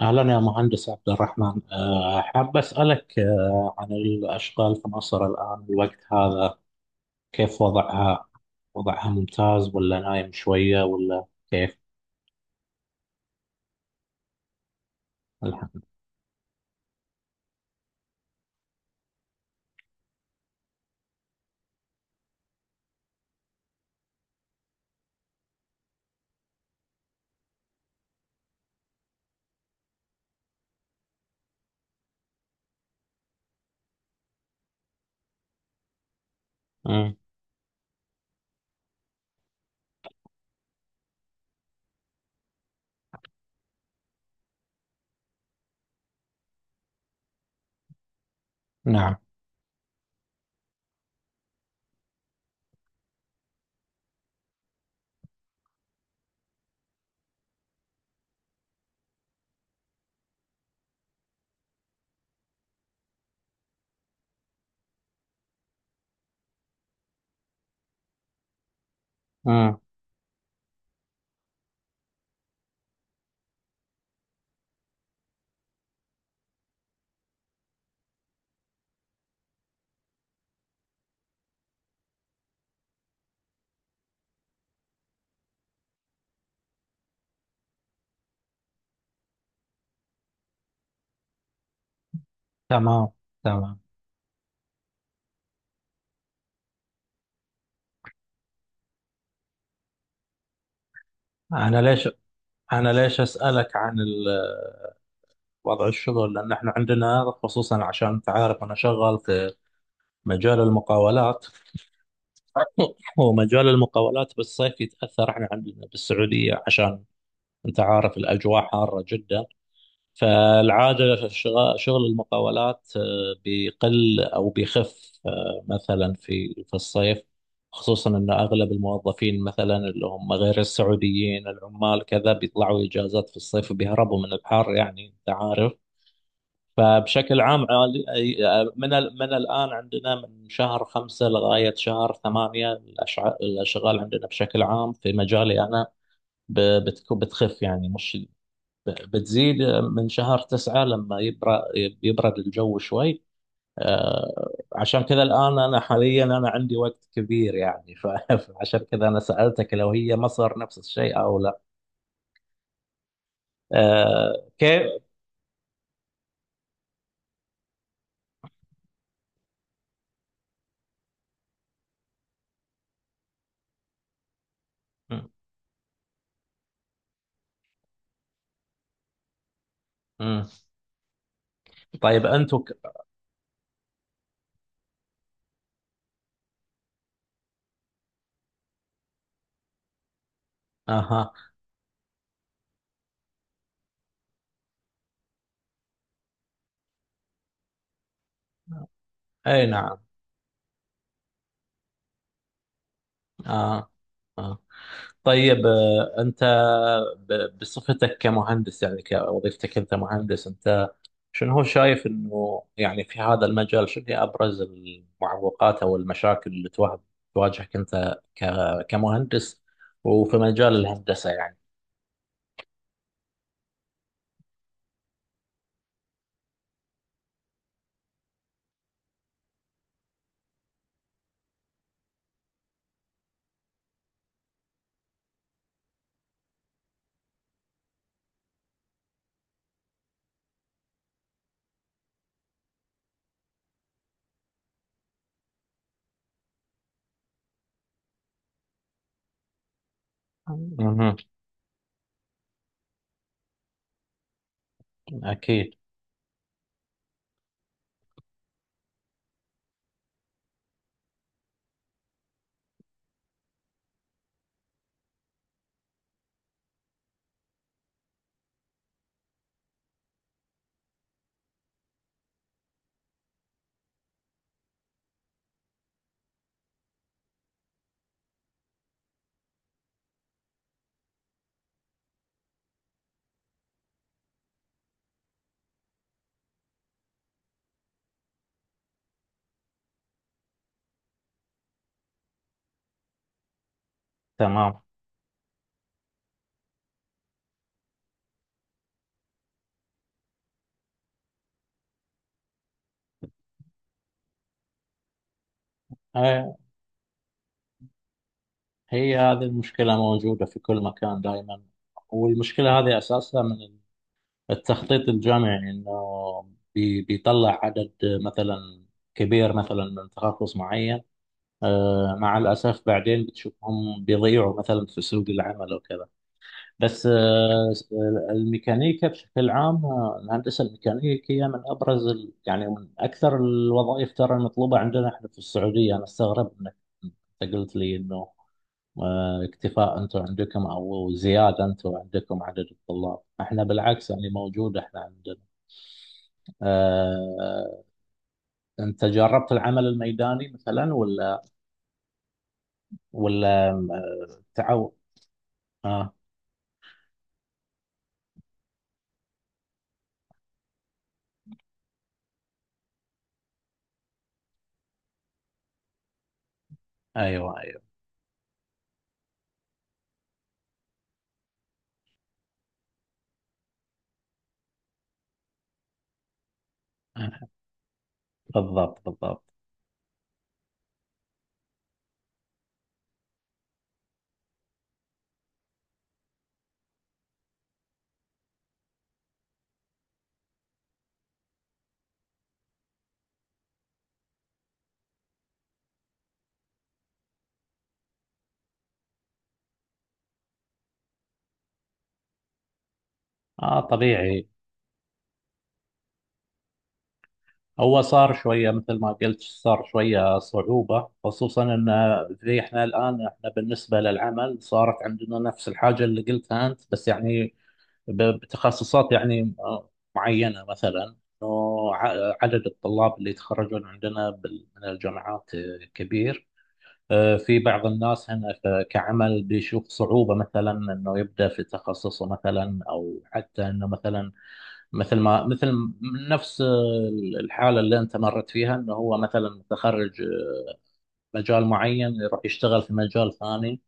أهلا يا مهندس عبد الرحمن، حاب أسألك عن الأشغال في مصر الآن الوقت هذا، كيف وضعها؟ وضعها ممتاز ولا نايم شوية ولا كيف الحال؟ مم، نعم. مم، تمام تمام. أنا ليش أنا ليش أسألك عن وضع الشغل، لأن إحنا عندنا خصوصا عشان أنت عارف أنا شغال في مجال المقاولات. ومجال المقاولات بالصيف يتأثر، إحنا عندنا بالسعودية عشان انت عارف الاجواء حاره جدا. فالعاده في شغل المقاولات بيقل او بيخف، مثلا في الصيف، خصوصا ان اغلب الموظفين مثلا اللي هم غير السعوديين، العمال كذا، بيطلعوا اجازات في الصيف وبيهربوا من الحر يعني انت عارف. فبشكل عام من من الان عندنا من شهر 5 لغايه شهر 8 الاشغال عندنا بشكل عام في مجالي انا بتخف، يعني مش بتزيد. من شهر 9 لما يبرد الجو شوي. عشان كذا الآن أنا حاليا أنا عندي وقت كبير يعني فعشان كذا أنا سألتك لو هي مصر نفس الشيء أو لا. كيف؟ م- م. طيب أنتوا أها. أي نعم. آه. آه. طيب، أنت بصفتك كمهندس، يعني كوظيفتك أنت مهندس، أنت شنو هو شايف انه يعني في هذا المجال شنو هي ابرز المعوقات او المشاكل اللي تواجهك انت كمهندس وفي مجال الهندسة يعني؟ مهم. أكيد. تمام. آه، هي هذه المشكلة موجودة في كل مكان دائما، والمشكلة هذه أساسها من التخطيط الجامعي، إنه بيطلع عدد مثلا كبير مثلا من تخصص معين. مع الأسف بعدين بتشوفهم بيضيعوا مثلا في سوق العمل وكذا. بس الميكانيكا بشكل عام، الهندسة الميكانيكية من أبرز ال... يعني من أكثر الوظائف ترى المطلوبة عندنا إحنا في السعودية. أنا استغرب إنك أنت قلت لي إنه اكتفاء أنتم عندكم أو زيادة. أنتم عندكم عدد الطلاب، إحنا بالعكس يعني موجود إحنا عندنا. آه، أنت جربت العمل الميداني مثلا، ولا ولا آه، تعو آه أيوه أيوه. آه، بالضبط بالضبط. آه طبيعي. هو صار شوية مثل ما قلت، صار شوية صعوبة، خصوصا ان زي احنا الان احنا بالنسبة للعمل صارت عندنا نفس الحاجة اللي قلتها انت، بس يعني بتخصصات يعني معينة مثلا، انه عدد الطلاب اللي يتخرجون عندنا من الجامعات كبير. اه، في بعض الناس هنا كعمل بيشوف صعوبة، مثلا انه يبدأ في تخصصه مثلا، او حتى انه مثلا مثل ما مثل نفس الحالة اللي أنت مرت فيها، إنه هو مثلا متخرج مجال معين يروح يشتغل في مجال ثاني،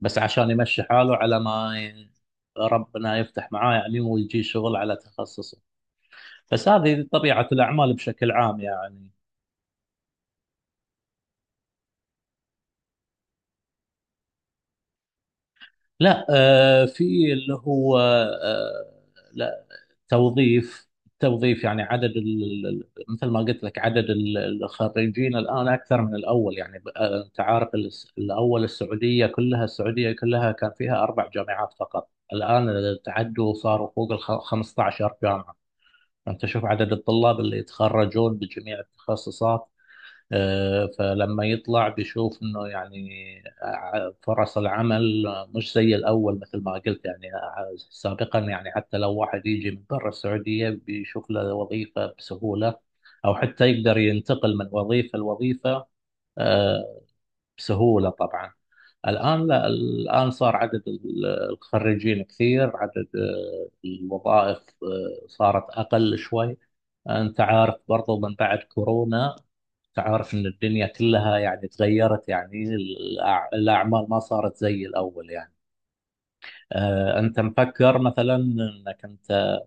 بس عشان يمشي حاله على ما ربنا يفتح معاه يعني، ويجي شغل على تخصصه. بس هذه طبيعة الأعمال بشكل عام يعني. لا، في اللي هو توظيف توظيف، يعني عدد مثل ما قلت لك عدد الخريجين الآن أكثر من الأول، يعني أنت عارف الأول السعودية كلها، السعودية كلها كان فيها أربع جامعات فقط. الآن تعدوا صاروا فوق ال 15 جامعة. أنت شوف عدد الطلاب اللي يتخرجون بجميع التخصصات. فلما يطلع بيشوف انه يعني فرص العمل مش زي الاول مثل ما قلت يعني، سابقا يعني حتى لو واحد يجي من برا السعوديه بيشوف له وظيفه بسهوله، او حتى يقدر ينتقل من وظيفه لوظيفه آه، بسهوله طبعا. الان لا، الان صار عدد الخريجين كثير، عدد الوظائف صارت اقل شوي. انت عارف برضو من بعد كورونا تعرف ان الدنيا كلها يعني تغيرت، يعني الاعمال ما صارت زي الاول يعني. انت مفكر مثلا انك انت.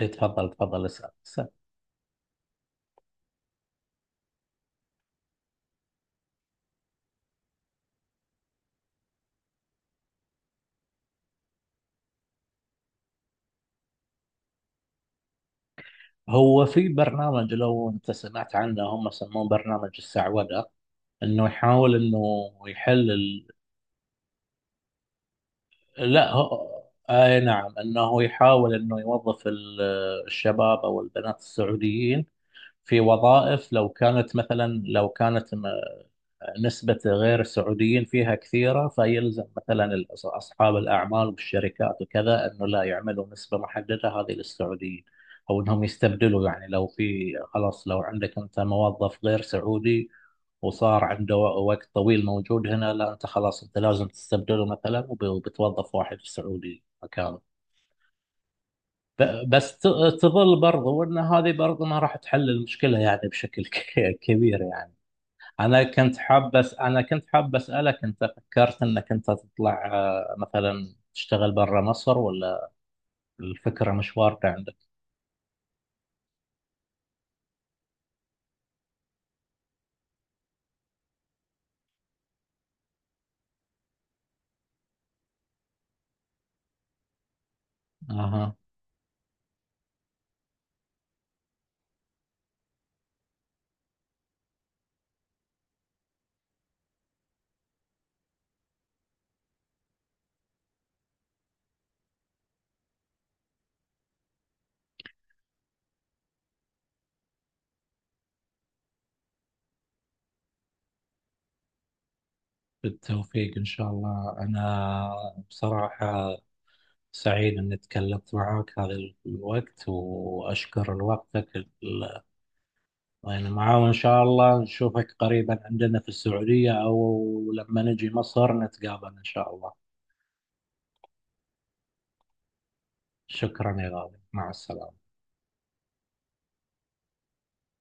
إيه، تفضل تفضل اسال اسال. هو في برنامج لو انت سمعت عنه، هم يسموه برنامج السعوده، انه يحاول انه يحل ال... لا، اي نعم، انه يحاول انه يوظف الشباب او البنات السعوديين في وظائف، لو كانت مثلا لو كانت نسبة غير السعوديين فيها كثيرة، فيلزم مثلا أصحاب الأعمال والشركات وكذا أنه لا يعملوا نسبة محددة هذه للسعوديين، أو أنهم يستبدلوا. يعني لو في خلاص، لو عندك أنت موظف غير سعودي وصار عنده وقت طويل موجود هنا، لا، أنت خلاص أنت لازم تستبدله مثلا، وبتوظف واحد سعودي مكانه. بس تظل برضو أن هذه برضو ما راح تحل المشكلة يعني بشكل كبير يعني. انا كنت حاب اسالك، انت فكرت انك انت تطلع مثلا تشتغل برا مصر، ولا الفكره مش واردة عندك؟ اها. بالتوفيق ان شاء الله. انا بصراحه سعيد اني تكلمت معك هذا الوقت، واشكر لوقتك يعني معاه، وان شاء الله نشوفك قريبا عندنا في السعوديه، او لما نجي مصر نتقابل ان شاء الله. شكرا يا غالي، مع السلامه.